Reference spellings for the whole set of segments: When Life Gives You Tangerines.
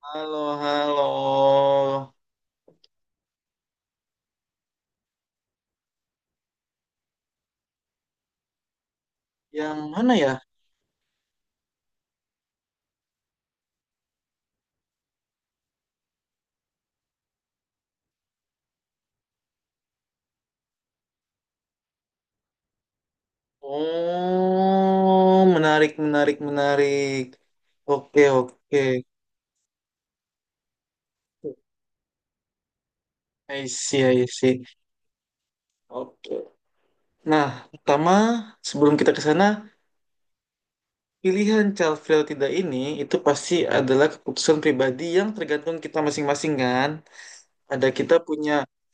Halo, halo. Yang mana ya? Oh, menarik, menarik, menarik. Oke, oke. I see, I see. Oke. Nah, pertama, sebelum kita ke sana, pilihan child free atau tidak ini itu pasti adalah keputusan pribadi yang tergantung kita masing-masing kan. Ada kita punya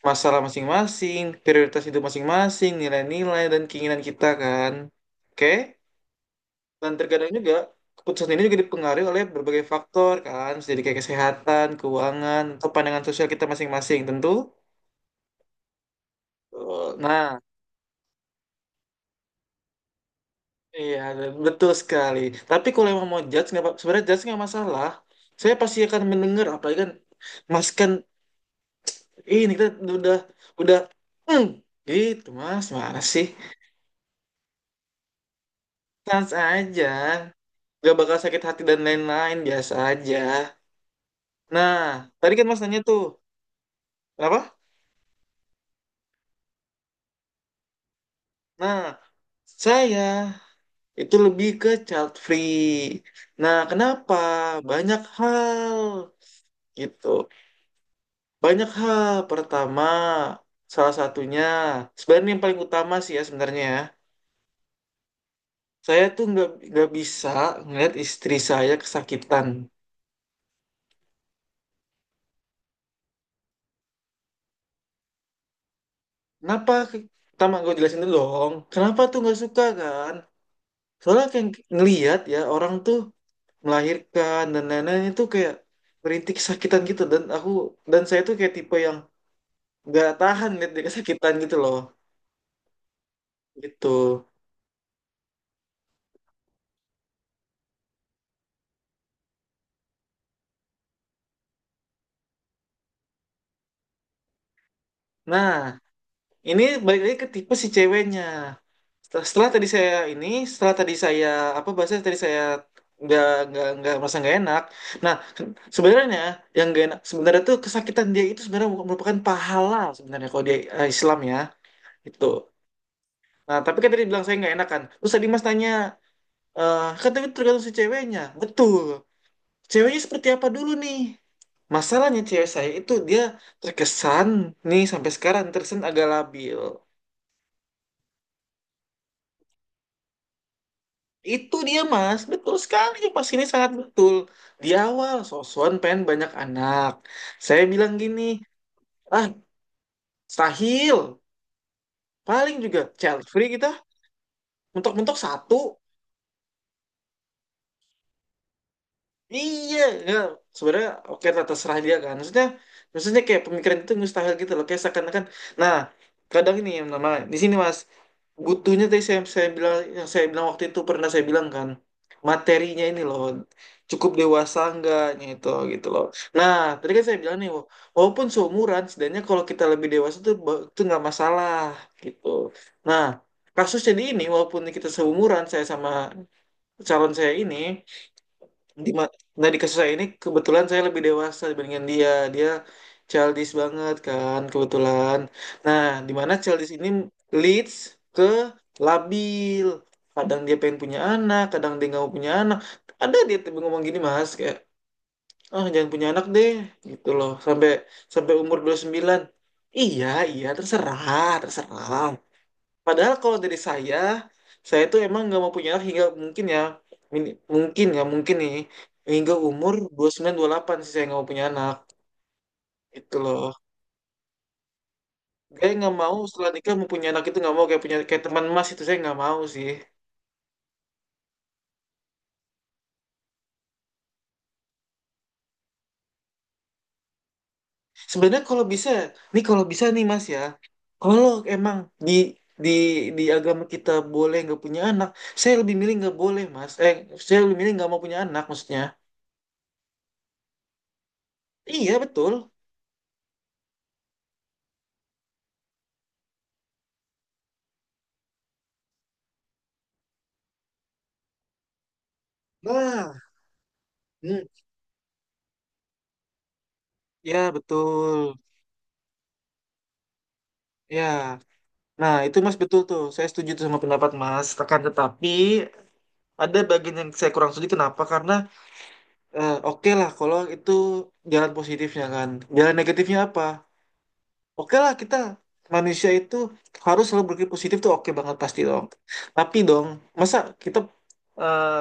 masalah masing-masing, prioritas hidup masing-masing, nilai-nilai dan keinginan kita kan. Oke? Dan terkadang juga keputusan ini juga dipengaruhi oleh berbagai faktor kan, jadi kayak kesehatan, keuangan, atau pandangan sosial kita masing-masing tentu. Nah, iya betul sekali. Tapi kalau emang mau judge, nggak apa- sebenarnya judge nggak masalah. Saya pasti akan mendengar, apalagi kan Mas kan ini kita udah udah hmm, gitu Mas, mana sih? Sans aja, nggak bakal sakit hati dan lain-lain biasa aja. Nah, tadi kan Mas nanya tuh, apa? Nah, saya itu lebih ke child free. Nah, kenapa? Banyak hal gitu. Banyak hal. Pertama, salah satunya, sebenarnya yang paling utama sih ya sebenarnya ya. Saya tuh nggak bisa ngeliat istri saya kesakitan. Kenapa? Pertama, gue jelasin dulu dong. Kenapa tuh nggak suka kan? Soalnya kayak ngeliat ya orang tuh melahirkan dan lain-lain itu kayak merintih kesakitan gitu dan saya tuh kayak tipe yang nggak tahan lihat dia kesakitan gitu loh gitu. Nah, ini balik lagi ke tipe si ceweknya. Setelah tadi saya ini, setelah tadi saya apa bahasanya, tadi saya nggak nggak merasa nggak enak. Nah, sebenarnya yang nggak enak sebenarnya tuh kesakitan dia itu sebenarnya merupakan pahala sebenarnya kalau dia Islam ya itu. Nah, tapi kan tadi bilang saya nggak enak kan, terus tadi Mas tanya kan, tapi tergantung si ceweknya betul. Ceweknya seperti apa dulu nih? Masalahnya cewek saya itu dia terkesan, nih sampai sekarang terkesan agak labil. Itu dia Mas, betul sekali, pas ini sangat betul. Di awal sosokan pengen banyak anak. Saya bilang gini, ah stahil, paling juga child free kita, mentok-mentok satu. Iya, ya. Sebenarnya oke lah terserah dia kan. Maksudnya, maksudnya kayak pemikiran itu mustahil gitu loh. Kayak seakan-akan. Nah, kadang ini yang nama di sini Mas, butuhnya tadi saya bilang, yang saya bilang waktu itu, pernah saya bilang kan, materinya ini loh, cukup dewasa enggaknya itu gitu loh. Nah, tadi kan saya bilang nih, walaupun seumuran, setidaknya kalau kita lebih dewasa tuh itu nggak masalah gitu. Nah, kasus jadi ini walaupun kita seumuran, saya sama calon saya ini di ma- nah di kasus saya ini kebetulan saya lebih dewasa dibandingkan dia. Dia childish banget kan kebetulan. Nah, di mana childish ini leads ke labil. Kadang dia pengen punya anak, kadang dia nggak mau punya anak. Ada dia tiba ngomong gini Mas kayak, ah jangan punya anak deh gitu loh. Sampai sampai umur 29. Iya, iya terserah, terserah. Padahal kalau dari saya tuh emang nggak mau punya anak hingga mungkin ya, mungkin ya, mungkin nih, hingga umur 29, delapan sih saya nggak mau punya anak. Itu loh. Saya nggak mau setelah nikah mau punya anak itu nggak mau, kayak punya kayak teman Mas itu saya nggak mau sih. Sebenarnya kalau bisa nih Mas ya, kalau emang di di di agama kita boleh nggak punya anak, saya lebih milih nggak boleh Mas. Saya lebih milih nggak mau punya anak maksudnya. Iya betul. Nah, hmm, ya betul. Ya, nah itu Mas betul tuh. Saya setuju tuh sama pendapat Mas. Akan tetapi ada bagian yang saya kurang setuju. Kenapa? Karena oke lah kalau itu jalan positifnya kan. Jalan negatifnya apa? Oke lah kita manusia itu harus selalu berpikir positif tuh oke banget pasti dong. Tapi dong, masa kita eh,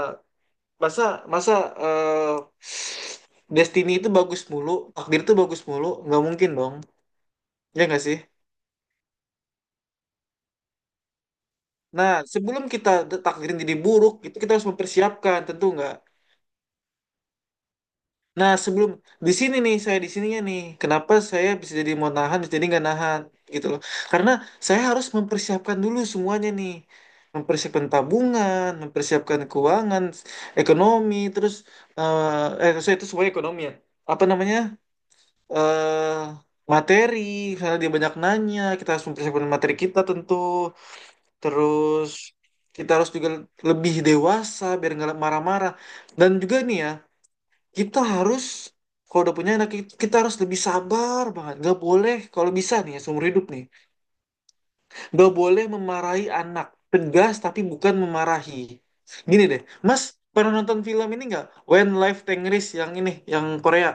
masa masa eh, destiny itu bagus mulu, takdir itu bagus mulu, nggak mungkin dong. Ya nggak sih? Nah, sebelum kita takdirin jadi buruk, itu kita harus mempersiapkan, tentu nggak. Nah, sebelum di sini nih, saya di sininya nih, kenapa saya bisa jadi mau nahan, bisa jadi nggak nahan, gitu loh. Karena saya harus mempersiapkan dulu semuanya nih, mempersiapkan tabungan, mempersiapkan keuangan, ekonomi, terus saya itu semuanya ekonomi ya. Apa namanya? eh materi, karena dia banyak nanya, kita harus mempersiapkan materi kita tentu. Terus kita harus juga lebih dewasa biar nggak marah-marah. Dan juga nih ya, kita harus, kalau udah punya anak, kita harus lebih sabar banget. Nggak boleh, kalau bisa nih ya, seumur hidup nih, nggak boleh memarahi anak. Tegas tapi bukan memarahi. Gini deh, Mas pernah nonton film ini nggak? When Life Tengris yang ini, yang Korea.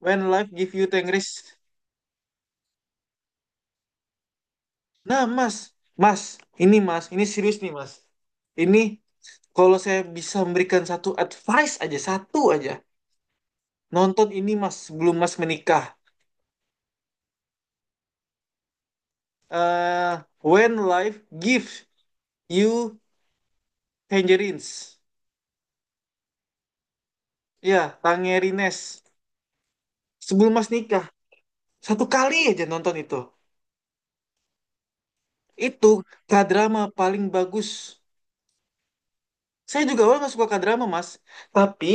When Life Give You Tengris. Nah, Mas, Mas, Mas, ini serius nih Mas. Ini kalau saya bisa memberikan satu advice aja, satu aja. Nonton ini Mas, sebelum Mas menikah. eh When Life Gives You Tangerines. Ya, Tangerines. Sebelum Mas nikah, satu kali aja nonton itu. Itu kadrama paling bagus. Saya juga awalnya nggak suka kadrama, Mas. Tapi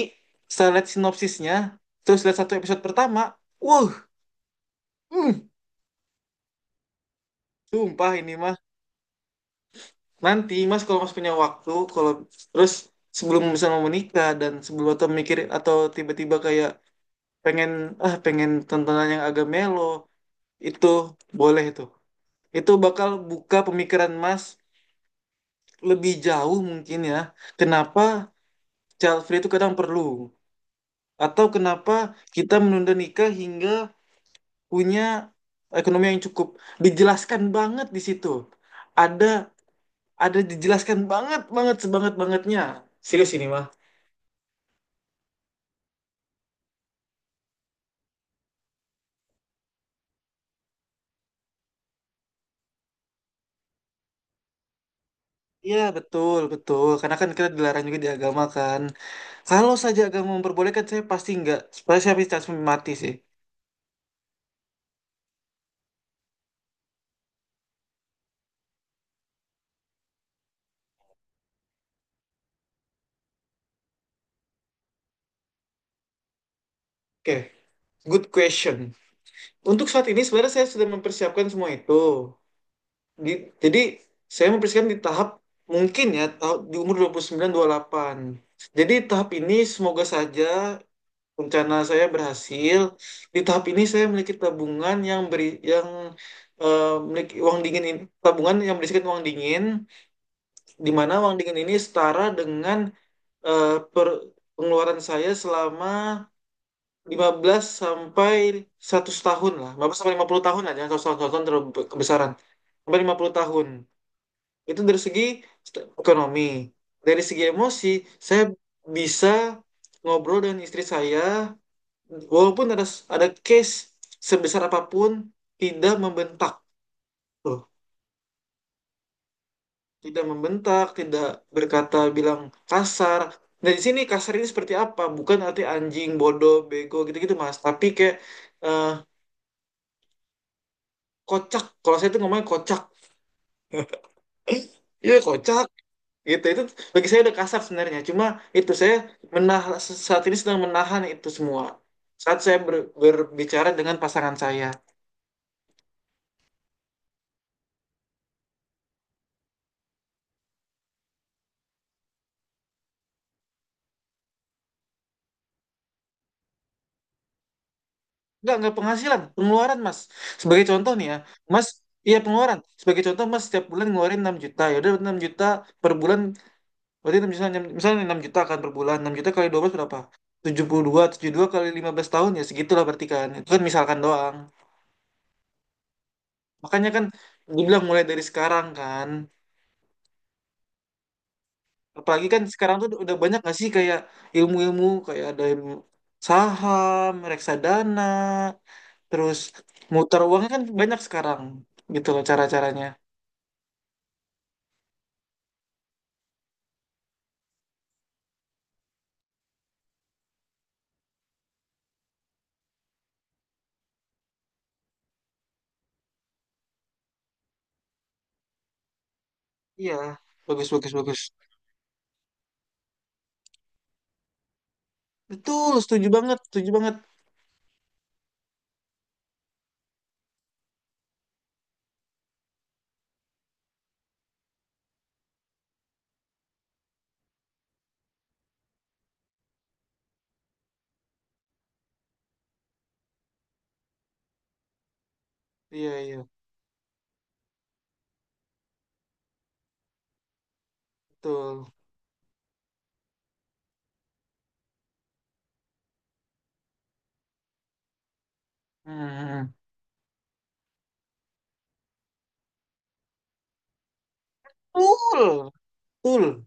saya lihat sinopsisnya, terus lihat satu episode pertama, wow, hmm. Sumpah ini mah, nanti Mas kalau Mas punya waktu, kalau terus sebelum misalnya mau menikah dan sebelum atau mikir atau tiba-tiba kayak pengen, ah pengen tontonan yang agak melo, itu boleh tuh. Itu bakal buka pemikiran Mas lebih jauh mungkin ya. Kenapa child free itu kadang perlu, atau kenapa kita menunda nikah hingga punya ekonomi yang cukup. Dijelaskan banget di situ. Ada ada dijelaskan banget banget sebanget bangetnya. Serius ini mah. Iya betul betul, karena kan kita dilarang juga di agama kan. Kalau saja agama memperbolehkan, saya pasti nggak, supaya saya pasti langsung mati sih. Oke, good question. Untuk saat ini sebenarnya saya sudah mempersiapkan semua itu. Jadi saya mempersiapkan di tahap, mungkin ya tahap- di umur dua 29, 28. Jadi tahap ini semoga saja rencana saya berhasil. Di tahap ini saya memiliki tabungan yang memiliki uang dingin ini, tabungan yang berisikan uang dingin, di mana uang dingin ini setara dengan eh, per- pengeluaran saya selama 15 sampai 100 tahun lah. Lima belas sampai 50 tahun lah, jangan 100 tahun, 100 tahun terlalu kebesaran. Sampai 50 tahun. Itu dari segi ekonomi. Dari segi emosi, saya bisa ngobrol dengan istri saya. Walaupun ada case sebesar apapun, tidak membentak, loh, tidak membentak, tidak berkata bilang kasar. Nah, di sini kasar ini seperti apa? Bukan arti anjing, bodoh, bego gitu-gitu, Mas. Tapi kayak eh, kocak. Kalau saya itu ngomongnya kocak. Iya, kocak. Gitu. Itu bagi saya udah kasar sebenarnya. Cuma itu saya menahan, saat ini sedang menahan itu semua, saat saya berbicara dengan pasangan saya. Enggak penghasilan, pengeluaran Mas. Sebagai contoh nih ya, Mas, iya pengeluaran. Sebagai contoh Mas, setiap bulan ngeluarin 6 juta, ya udah 6 juta per bulan, berarti 6 juta, misalnya 6 juta kan per bulan, 6 juta kali 12 berapa? Tujuh 72, 72 kali 15 tahun, ya segitulah berarti kan. Itu kan misalkan doang. Makanya kan dibilang mulai dari sekarang kan. Apalagi kan sekarang tuh udah banyak gak sih kayak ilmu-ilmu, kayak ada ilmu saham, reksadana, terus muter uangnya kan banyak sekarang gitu loh cara-caranya. Iya, bagus bagus bagus. Betul, setuju banget, setuju banget. Iya iya, betul. Hmm, betul, betul.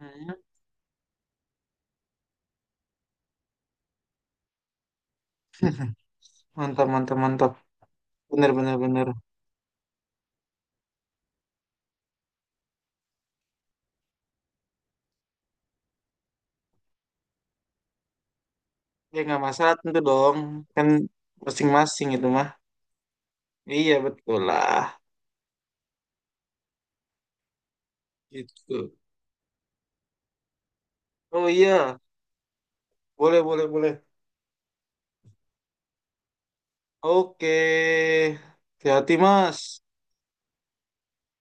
Hmm. Mantap mantap mantap. Bener bener bener. Ya nggak masalah tentu dong, kan masing-masing itu mah. Iya betul lah. Gitu. Oh iya, boleh boleh boleh. Oke, hati-hati Mas.